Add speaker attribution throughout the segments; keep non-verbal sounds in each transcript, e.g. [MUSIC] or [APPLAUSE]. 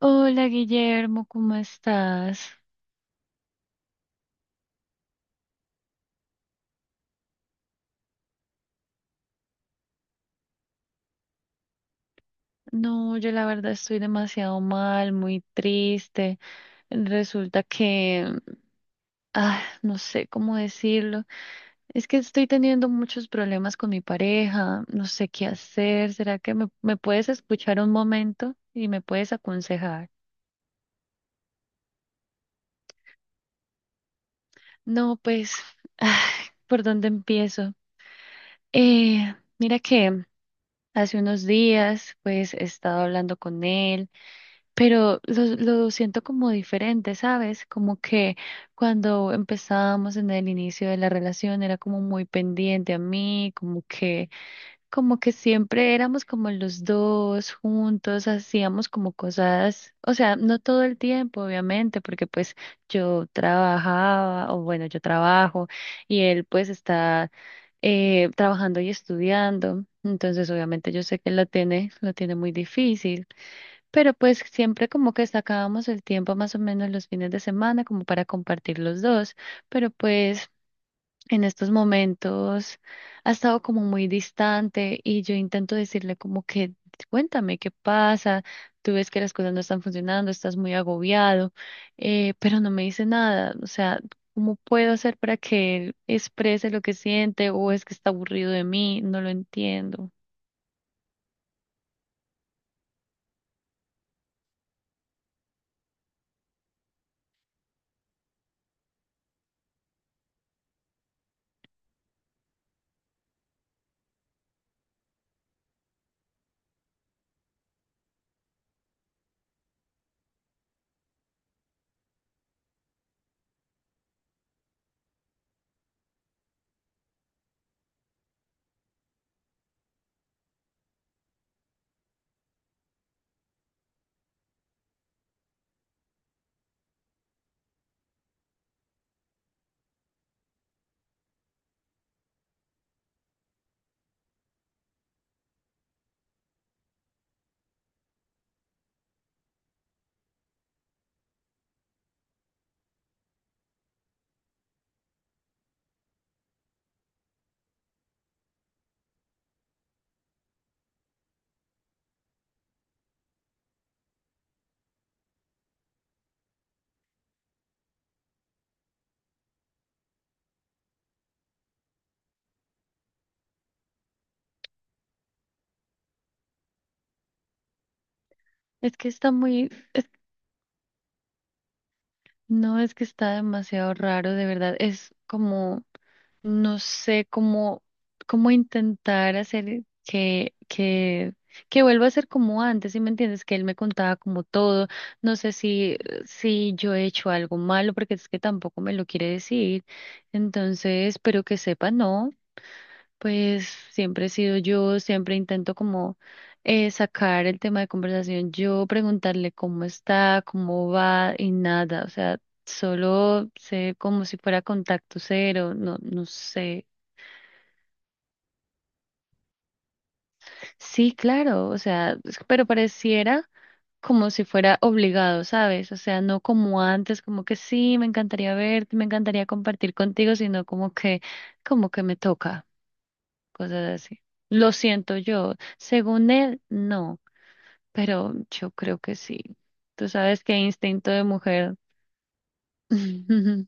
Speaker 1: Hola Guillermo, ¿cómo estás? No, yo la verdad estoy demasiado mal, muy triste. Resulta que, no sé cómo decirlo. Es que estoy teniendo muchos problemas con mi pareja, no sé qué hacer. ¿Será que me puedes escuchar un momento y me puedes aconsejar? No, pues, [SIGHS] ah, ¿por dónde empiezo? Mira que hace unos días, pues, he estado hablando con él. Pero lo siento como diferente, ¿sabes? Como que cuando empezábamos en el inicio de la relación era como muy pendiente a mí, como que siempre éramos como los dos juntos, hacíamos como cosas, o sea, no todo el tiempo, obviamente, porque pues yo trabajaba, o bueno, yo trabajo y él pues está trabajando y estudiando, entonces obviamente yo sé que lo tiene muy difícil. Pero pues siempre como que sacábamos el tiempo más o menos los fines de semana como para compartir los dos, pero pues en estos momentos ha estado como muy distante y yo intento decirle como que cuéntame qué pasa, tú ves que las cosas no están funcionando, estás muy agobiado, pero no me dice nada, o sea, ¿cómo puedo hacer para que él exprese lo que siente o es que está aburrido de mí? No lo entiendo. Es que está muy No, es que está demasiado raro, de verdad. Es como, no sé cómo, cómo intentar hacer que vuelva a ser como antes, ¿sí me entiendes? Que él me contaba como todo. No sé si yo he hecho algo malo, porque es que tampoco me lo quiere decir. Entonces, pero que sepa, no. Pues siempre he sido yo, siempre intento como sacar el tema de conversación, yo preguntarle cómo está, cómo va y nada, o sea, solo sé como si fuera contacto cero, no, no sé. Sí, claro, o sea, es- pero pareciera como si fuera obligado, ¿sabes? O sea, no como antes, como que sí, me encantaría verte, me encantaría compartir contigo, sino como que me toca, cosas así. Lo siento yo, según él, no. Pero yo creo que sí. Tú sabes que instinto de mujer. [LAUGHS]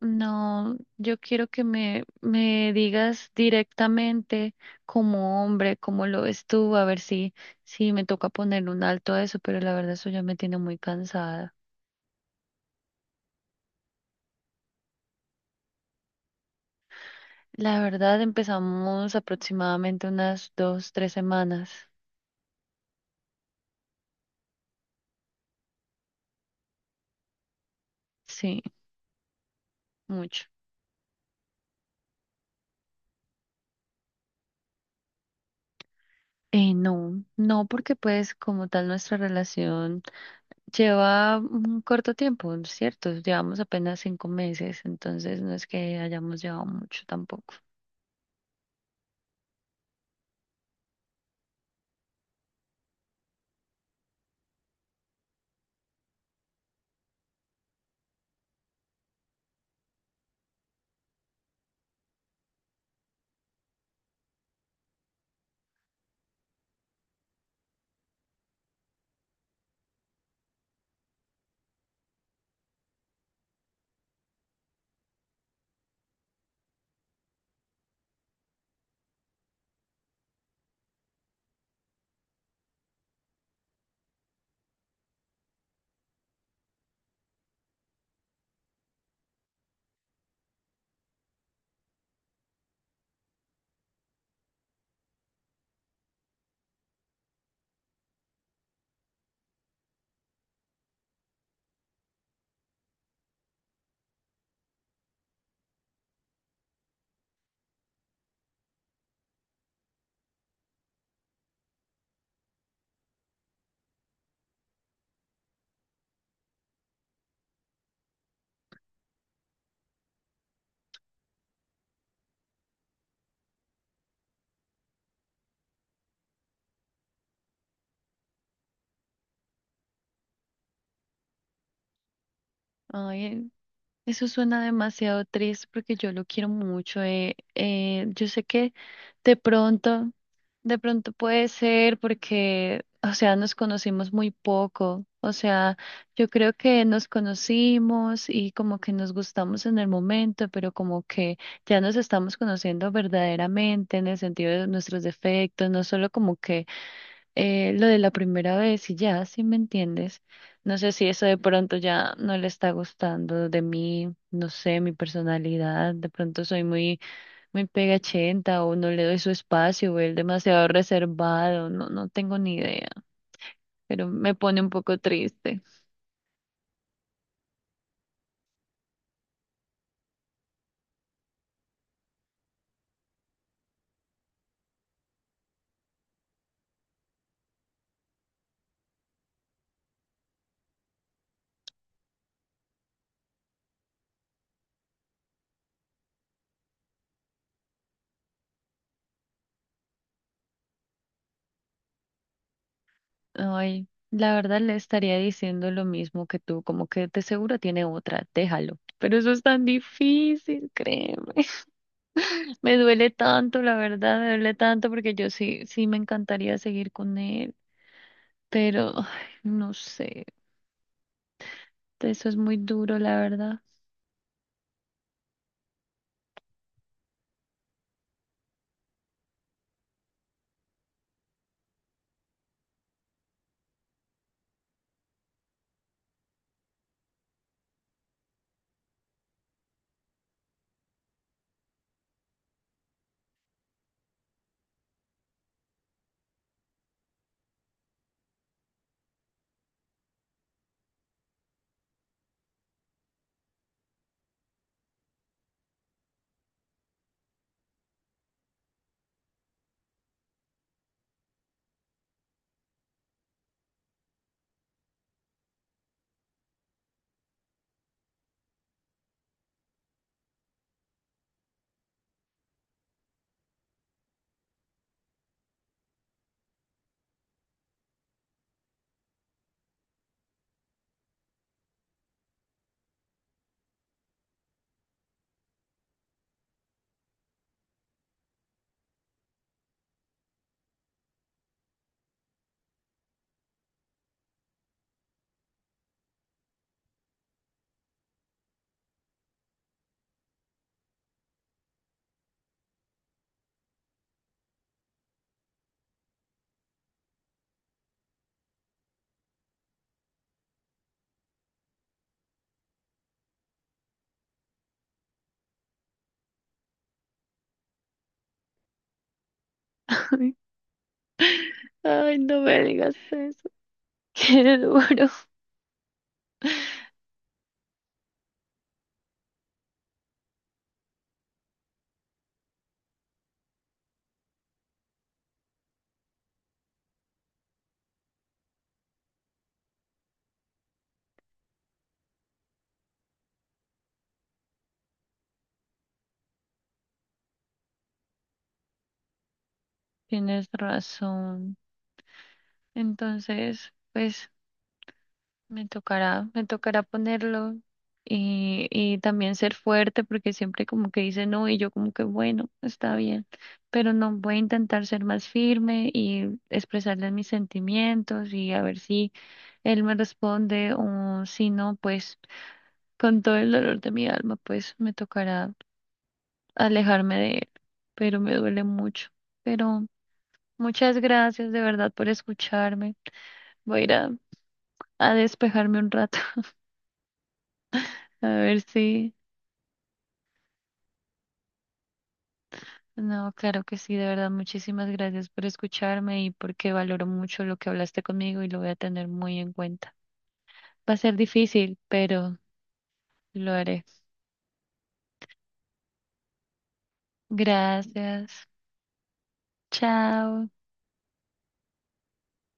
Speaker 1: No, yo quiero que me digas directamente como hombre, cómo lo ves tú, a ver si me toca poner un alto a eso, pero la verdad eso ya me tiene muy cansada. La verdad empezamos aproximadamente unas dos, tres semanas. Sí, mucho. No, porque pues como tal nuestra relación lleva un corto tiempo, ¿cierto? Llevamos apenas cinco meses, entonces no es que hayamos llevado mucho tampoco. Ay, eso suena demasiado triste porque yo lo quiero mucho. Yo sé que de pronto de pronto puede ser porque, o sea, nos conocimos muy poco. O sea, yo creo que nos conocimos y como que nos gustamos en el momento, pero como que ya nos estamos conociendo verdaderamente en el sentido de nuestros defectos, no solo como que lo de la primera vez y ya, ¿si me entiendes? No sé si eso de pronto ya no le está gustando de mí, no sé, mi personalidad, de pronto soy muy me pega chenta o no le doy su espacio o él demasiado reservado, no, no tengo ni idea, pero me pone un poco triste. Ay, la verdad le estaría diciendo lo mismo que tú, como que de seguro tiene otra, déjalo. Pero eso es tan difícil, créeme. [LAUGHS] Me duele tanto, la verdad, me duele tanto porque yo sí, sí me encantaría seguir con él, pero ay, no sé, eso es muy duro, la verdad. [LAUGHS] Ay, no me digas eso, [LAUGHS] qué duro. Tienes razón. Entonces, pues me tocará ponerlo y también ser fuerte porque siempre como que dice no y yo como que bueno, está bien, pero no voy a intentar ser más firme y expresarle mis sentimientos y a ver si él me responde o si no, pues con todo el dolor de mi alma, pues me tocará alejarme de él, pero me duele mucho. Pero muchas gracias de verdad por escucharme. Voy a ir a despejarme un rato. [LAUGHS] A ver si... No, claro que sí, de verdad, muchísimas gracias por escucharme y porque valoro mucho lo que hablaste conmigo y lo voy a tener muy en cuenta. Va a ser difícil, pero lo haré. Gracias. Chao.